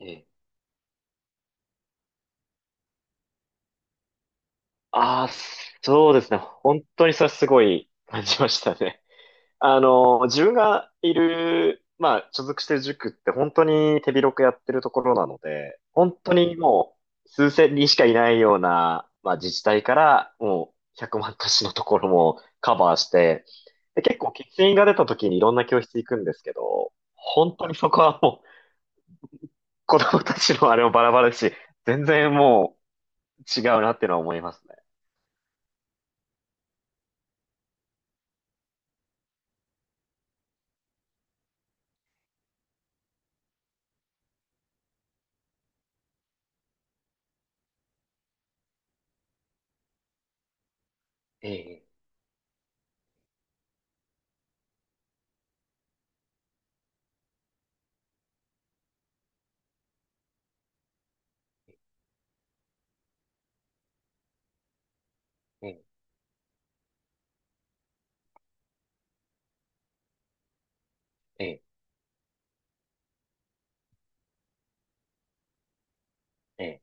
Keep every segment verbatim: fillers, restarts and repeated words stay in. ええ。ああ、そうですね。本当にそれすごい感じましたね。あの、自分がいる、まあ、所属してる塾って本当に手広くやってるところなので、本当にもう数千人しかいないような、まあ、自治体からもうひゃくまん都市のところもカバーして、で、結構欠員が出た時にいろんな教室行くんですけど、本当にそこはもう子供たちのあれもバラバラだし、全然もう違うなっていうのは思いますね。えええええ、ええ。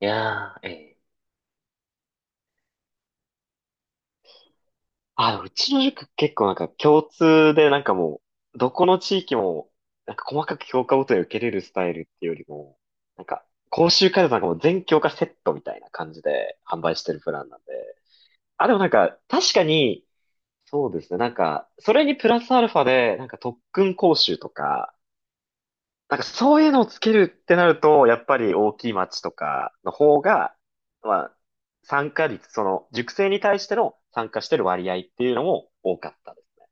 いやー、ええ。あ、うちの塾結構なんか共通でなんかもう、どこの地域も、なんか細かく教科ごとに受けれるスタイルっていうよりも、なんか、講習会だとなんかもう全教科セットみたいな感じで販売してるプランなんで。あ、でもなんか、確かに、そうですね。なんか、それにプラスアルファで、なんか特訓講習とか、なんかそういうのをつけるってなると、やっぱり大きい町とかの方が、まあ、参加率、その、塾生に対しての参加してる割合っていうのも多かったです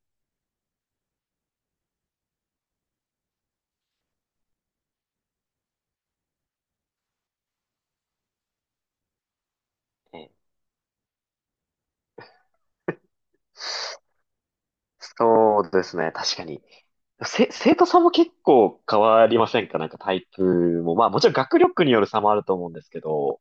ね。そうですね、確かに。せ、生徒さんも結構変わりませんか？なんかタイプも。まあもちろん学力による差もあると思うんですけど、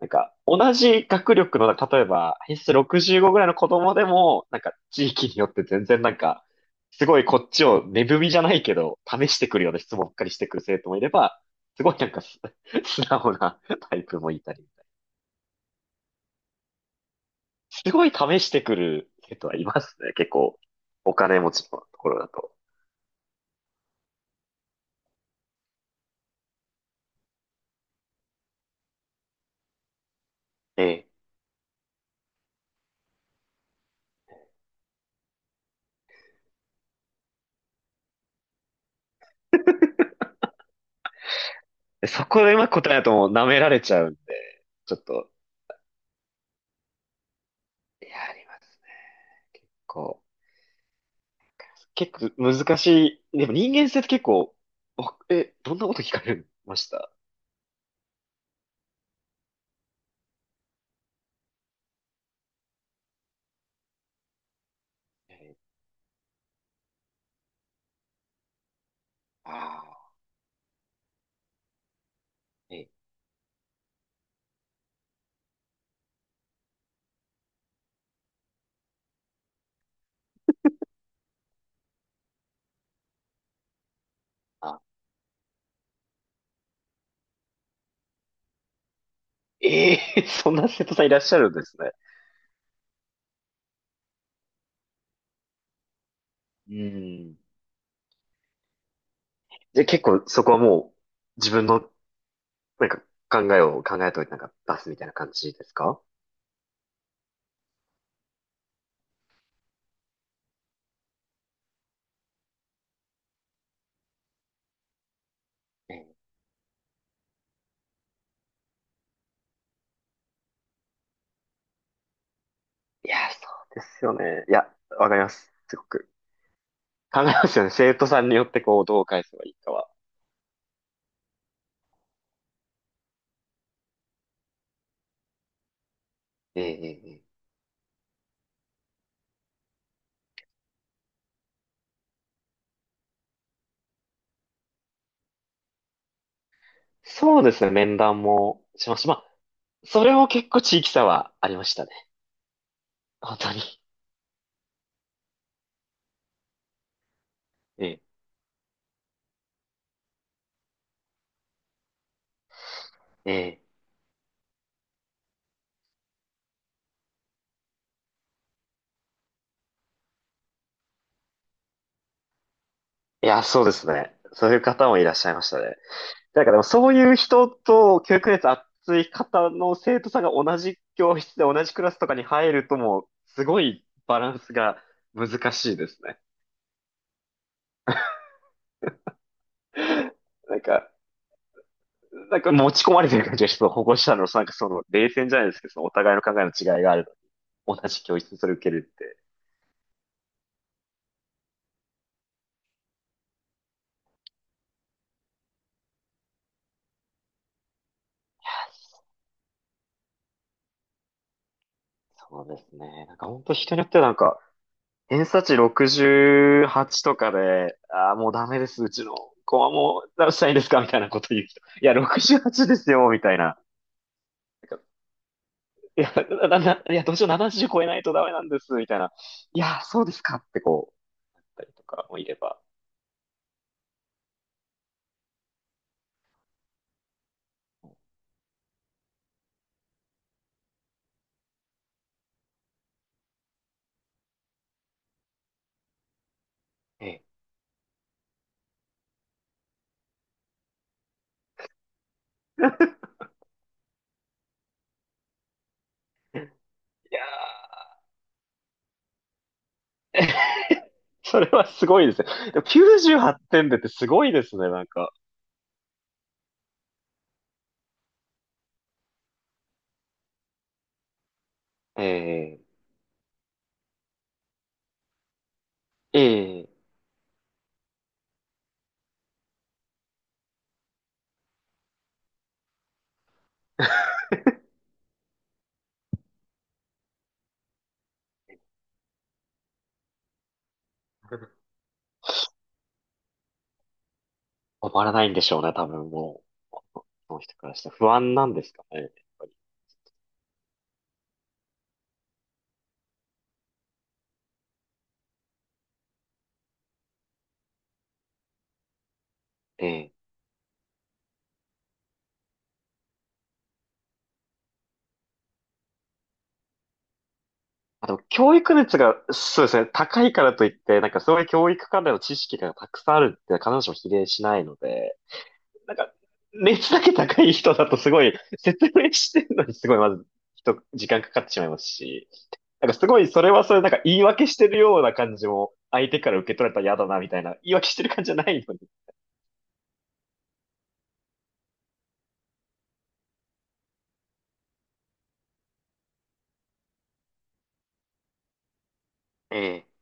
なんか、同じ学力の、例えば、偏差値ろくじゅうごぐらいの子供でも、なんか、地域によって全然なんか、すごいこっちを値踏みじゃないけど、試してくるような質問ばっかりしてくる生徒もいれば、すごいなんかす 素直なタイプもいたりみたいな。すごい試してくる生徒はいますね、結構。お金持ちのところだと。ええ。でそこでうまく答えだともう舐められちゃうんで、ちょっと、いや、ありますね。こう。結構難しい。でも人間性って結構、おえ、どんなこと聞かれました？えー、あー、えー、あ、えー そんな生徒さんいらっしゃるんですね。うん。で、結構そこはもう自分のなんか考えを考えといてなんか出すみたいな感じですか？ええ。いや、そうですよね。いや、わかります。すごく。考えますよね。生徒さんによってこう、どう返せばいいかは。ええええええ、そうですね。面談もしました。まあ、それも結構地域差はありましたね。本当に。ええ、ええ。いや、そうですね。そういう方もいらっしゃいましたね。なんかでもそういう人と教育熱熱い方の生徒さんが同じ教室で同じクラスとかに入るともう、すごいバランスが難しいですね。なんか、なんか持ち込まれてる感じがして、その保護者のなんかその冷戦じゃないですけど、そのお互いの考えの違いがあるのに。同じ教室にそれ受けるって。そうですね。なんか本当人によってはなんか、偏差値ろくじゅうはちとかで、ああ、もうダメです、うちの子はもう、どうしたらいいんですかみたいなこと言う人。いや、ろくじゅうはちですよ、みたいな。なんか、いや、な、な、いや、どうしよう、ななじゅう超えないとダメなんです、みたいな。いや、そうですかってこう、言ったりとかもいれば。ええ。いやー、それはすごいですね。でもきゅうじゅうはってんでってすごいですね、なんか。ええ、ええ。止まらないんでしょうね、多分もう。この人からしたら不安なんですかね、やっぱり。ええ。あと教育熱が、そうですね、高いからといって、なんかそういう教育関連の知識がたくさんあるって必ずしも比例しないので、なんか、熱だけ高い人だとすごい、説明してるのにすごいまず、人、時間かかってしまいますし、なんかすごい、それはそれ、なんか言い訳してるような感じも、相手から受け取られたら嫌だな、みたいな、言い訳してる感じじゃないのに、ええ。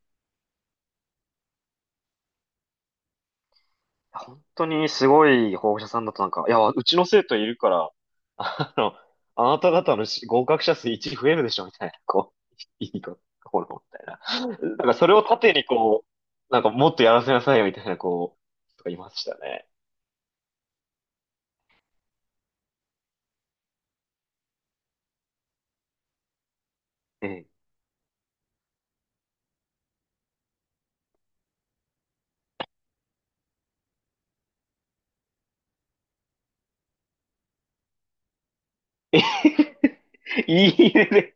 本当にすごい保護者さんだとなんか、いや、うちの生徒いるから、あの、あなた方のし合格者数いち増えるでしょみたいな、こう、いいとこの、みたいな。なんかそれを盾にこう、なんかもっとやらせなさいよみたいな、こう、とかいましたね。ええ。いいねで、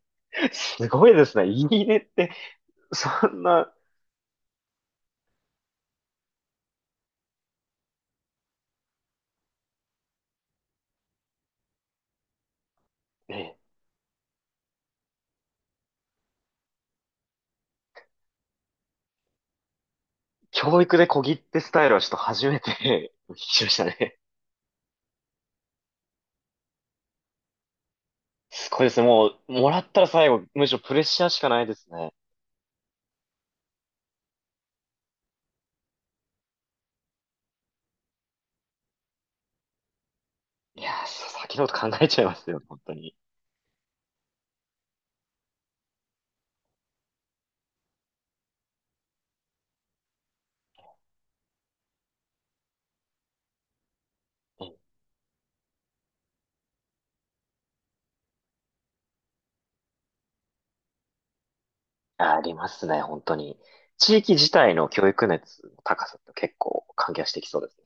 すごいですね。いいねって、そんな、ね、教育で小切手スタイルはちょっと初めて 聞きましたね。すごいですね。もう、もらったら最後、むしろプレッシャーしかないですね。いやー、そう先のこと考えちゃいますよ、本当に。うん。ありますね、本当に。地域自体の教育熱の高さって結構関係してきそうです。